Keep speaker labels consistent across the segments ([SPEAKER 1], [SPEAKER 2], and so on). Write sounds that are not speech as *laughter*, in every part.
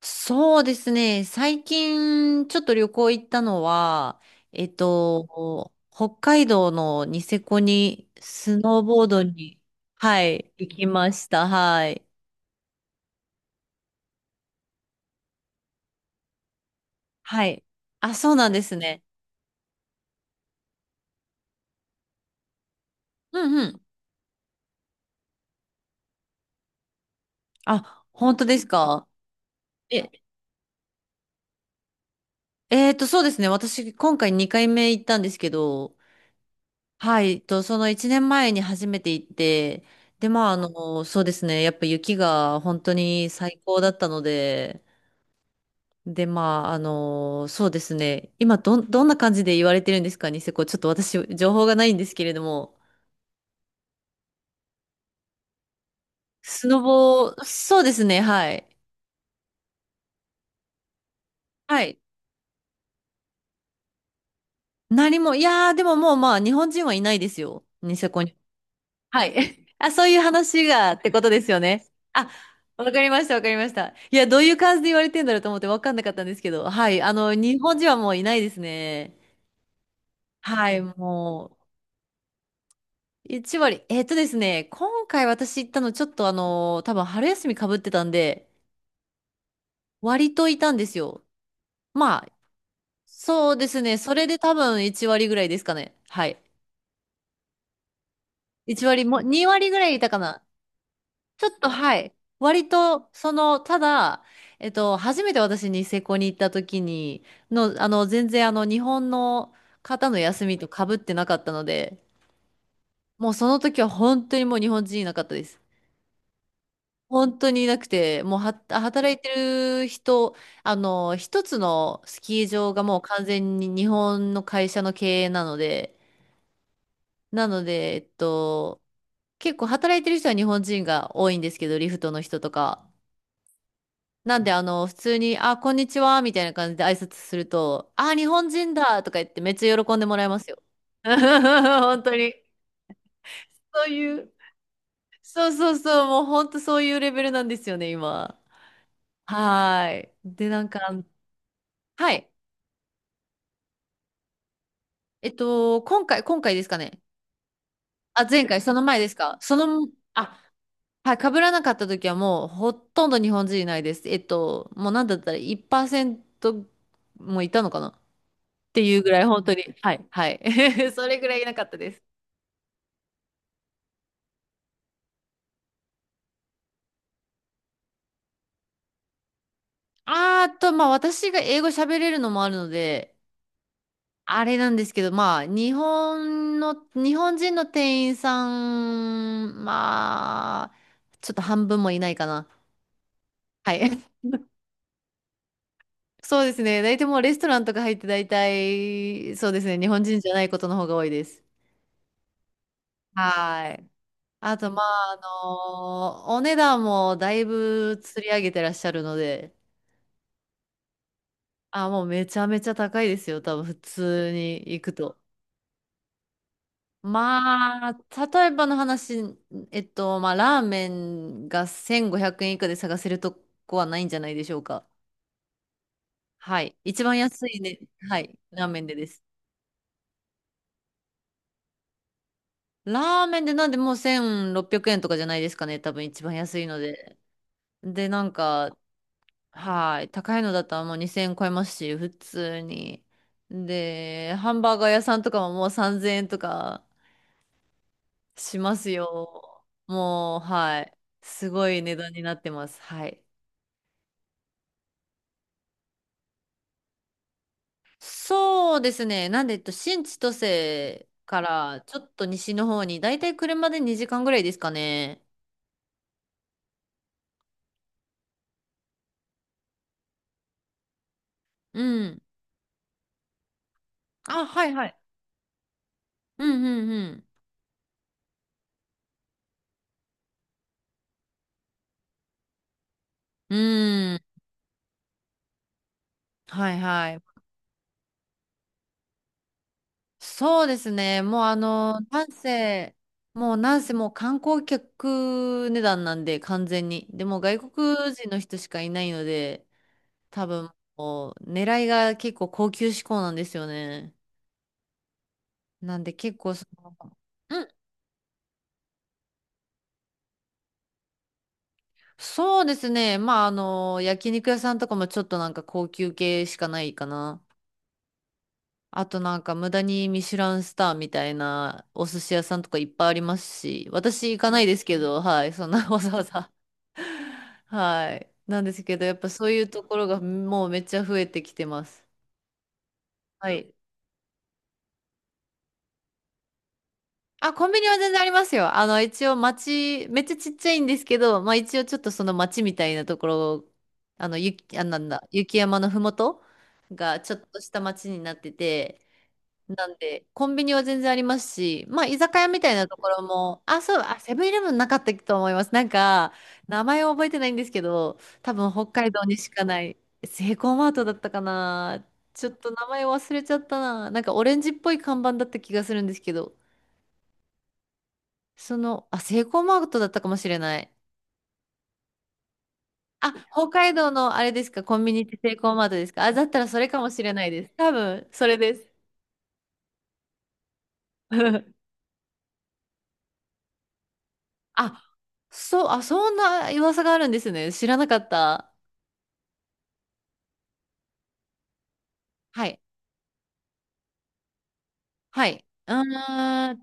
[SPEAKER 1] そうですね。最近、ちょっと旅行行ったのは、北海道のニセコにスノーボードに、はい、行きました。はい。はい。あ、そうなんですね。うんうん。あ、本当ですか？え、そうですね。私、今回2回目行ったんですけど、はい、と、その1年前に初めて行って、で、まあ、あの、そうですね。やっぱ雪が本当に最高だったので、で、まあ、あの、そうですね。今、どんな感じで言われてるんですかね、ニセコ。ちょっと私、情報がないんですけれども。スノボ、そうですね、はい。はい。何も、いやー、でももう、まあ、日本人はいないですよ。ニセコに。はい。*laughs* あ、そういう話が、ってことですよね。あ、わかりました、わかりました。いや、どういう感じで言われてんだろうと思ってわかんなかったんですけど、はい。あの、日本人はもういないですね。はい、もう。1割。えっとですね、今回私行ったのちょっとあの多分春休みかぶってたんで、割といたんですよ。まあ、そうですね、それで多分1割ぐらいですかね。はい。1割も、2割ぐらいいたかな。ちょっと、はい。割と、その、ただ、初めて私ニセコに行った時に、の、あの、全然あの、日本の方の休みとかぶってなかったので、もうその時は本当にもう日本人いなかったです。本当にいなくて、もうは、働いてる人、あの、一つのスキー場がもう完全に日本の会社の経営なので、なので、結構働いてる人は日本人が多いんですけど、リフトの人とか。なんで、あの、普通に、あ、こんにちは、みたいな感じで挨拶すると、あ、日本人だとか言ってめっちゃ喜んでもらえますよ。*laughs* 本当に。そういう、そうそうそう、もう本当そういうレベルなんですよね、今。はーい。で、なんか、はい。今回ですかね。あ、前回、その前ですか。その、あ、はい、被らなかった時はもうほとんど日本人いないです。もうなんだったら1%もいたのかなっていうぐらい本当に。はい、はい。*laughs* それぐらいいなかったです。あーと、まあ私が英語喋れるのもあるので、あれなんですけど、まあ日本の、日本人の店員さん、まあ、ちょっと半分もいないかな。はい。そうですね。大体もうレストランとか入って大体、そうですね。日本人じゃないことの方が多いです。はい。あと、まあ、あのーお値段もだいぶ釣り上げてらっしゃるので、あ、もうめちゃめちゃ高いですよ。多分普通に行くと。まあ、例えばの話、まあ、ラーメンが1500円以下で探せるとこはないんじゃないでしょうか。はい。一番安いね。はい。ラーメンでです。ラーメンでなんでもう1600円とかじゃないですかね。多分一番安いので。で、なんか、はい。高いのだったらもう2000円超えますし、普通に。で、ハンバーガー屋さんとかももう3000円とかしますよ。もう、はい。すごい値段になってます。はい。そうですね。なんで、新千歳からちょっと西の方に、だいたい車で2時間ぐらいですかね。うん。あ、はいはい。うんうんうん。うはいはい。そうですね。もうあの、なんせ、もうなんせもう観光客値段なんで完全に。でも外国人の人しかいないので、多分もう狙いが結構高級志向なんですよね。なんで結構その、うんそうですね。まああの、焼肉屋さんとかもちょっとなんか高級系しかないかな。あとなんか無駄にミシュランスターみたいなお寿司屋さんとかいっぱいありますし、私行かないですけど、はい、そんな *laughs* わざわざ *laughs*。はい。なんですけど、やっぱそういうところがもうめっちゃ増えてきてます。はい。あ、コンビニは全然ありますよ。あの、一応街、めっちゃちっちゃいんですけど、まあ一応ちょっとその街みたいなところ、あの、雪、あ、なんだ、雪山のふもとがちょっとした街になってて、なんで、コンビニは全然ありますし、まあ、居酒屋みたいなところも、あ、そう、あ、セブンイレブンなかったと思います。なんか、名前を覚えてないんですけど、多分北海道にしかない、セイコーマートだったかな。ちょっと名前忘れちゃったな。なんかオレンジっぽい看板だった気がするんですけど、その、あ、セイコーマートだったかもしれない。あ、北海道のあれですか、コンビニってセイコーマートですか？あ、だったらそれかもしれないです。多分、それです。*laughs* あ、そう、あ、そんな噂があるんですね。知らなかった。はい。はい。うーん、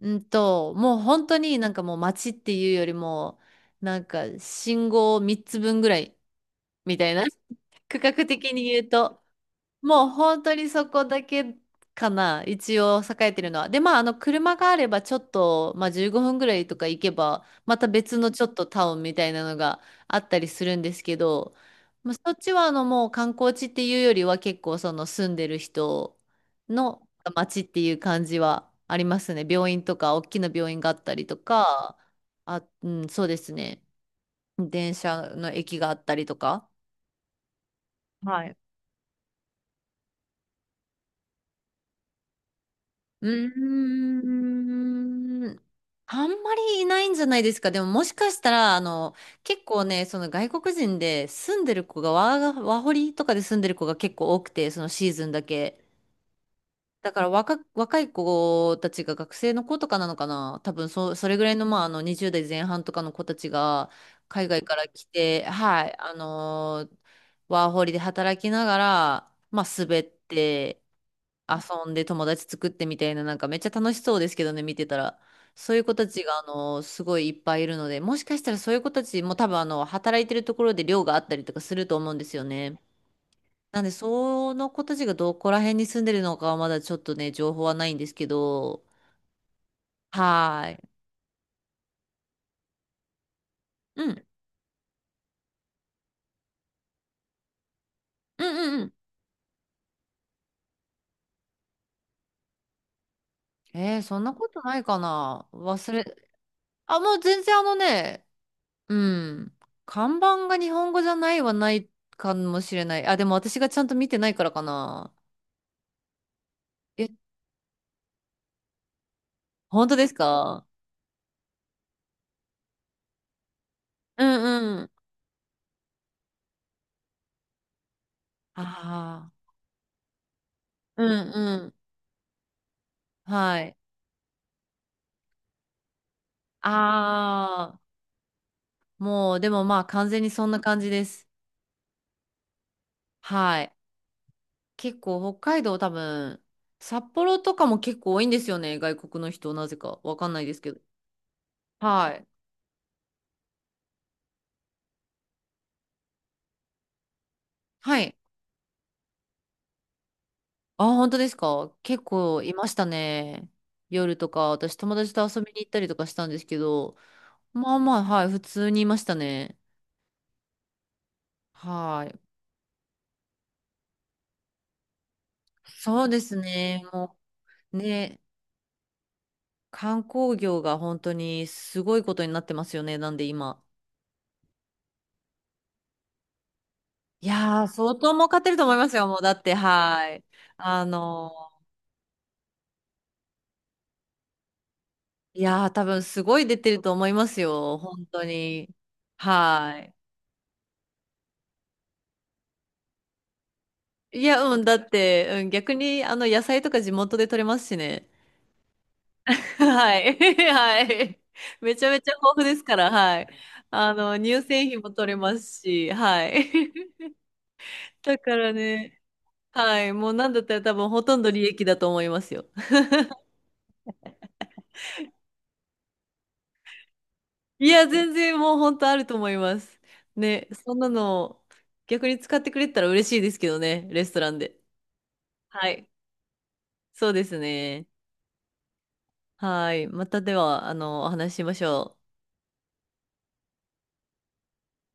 [SPEAKER 1] うんと、もう本当になんかもう街っていうよりも、なんか信号3つ分ぐらいみたいな。*laughs* 区画的に言うと。もう本当にそこだけかな、一応栄えてるのは。で、まあ、あの、車があればちょっと、まあ、15分ぐらいとか行けば、また別のちょっとタウンみたいなのがあったりするんですけど、まあ、そっちはあの、もう観光地っていうよりは結構その住んでる人の街っていう感じはありますね。病院とか、大きな病院があったりとか、あ、うん、そうですね。電車の駅があったりとか。はい、うーん。あんまりいないんじゃないですか。でももしかしたら、あの、結構ね、その外国人で住んでる子がワホリとかで住んでる子が結構多くて、そのシーズンだけ。だから若い子たちが学生の子とかなのかな。多分そ、それぐらいの、まあ、あの、20代前半とかの子たちが海外から来て、はい、あのーワーホリで働きながら、まあ、滑って、遊んで友達作ってみたいな、なんかめっちゃ楽しそうですけどね、見てたら。そういう子たちが、あの、すごいいっぱいいるので、もしかしたらそういう子たちも多分、あの、働いてるところで寮があったりとかすると思うんですよね。なんで、その子たちがどこら辺に住んでるのかはまだちょっとね、情報はないんですけど、はーい。うん、うんうんうん。えー、そんなことないかな。あ、もう全然あのね、うん。看板が日本語じゃないはないかもしれない。あ、でも私がちゃんと見てないからかな。え、本当ですか？うんうん。ああうんうん。はい。ああ、もう、でもまあ完全にそんな感じです。はい。結構北海道多分、札幌とかも結構多いんですよね。外国の人、なぜか。わかんないですけど。はい。はい。ああ、本当ですか？結構いましたね。夜とか、私友達と遊びに行ったりとかしたんですけど、まあまあ、はい、普通にいましたね。はい。そうですね。もう、ね、観光業が本当にすごいことになってますよね。なんで今。いやー、相当儲かってると思いますよ。もうだって、はい。あのー、いやー、多分すごい出てると思いますよ。本当に。はい。いや、うん、だって、うん、逆に、あの、野菜とか地元で取れますしね。*laughs* はい。*laughs* はい。めちゃめちゃ豊富ですから、はい。あの、乳製品も取れますし、はい。*laughs* だからね、はい。もうなんだったら多分ほとんど利益だと思いますよ。いや、全然もう本当あると思います。ね、そんなの逆に使ってくれたら嬉しいですけどね、レストランで。はい。そうですね。はい。またでは、あの、お話ししましょう。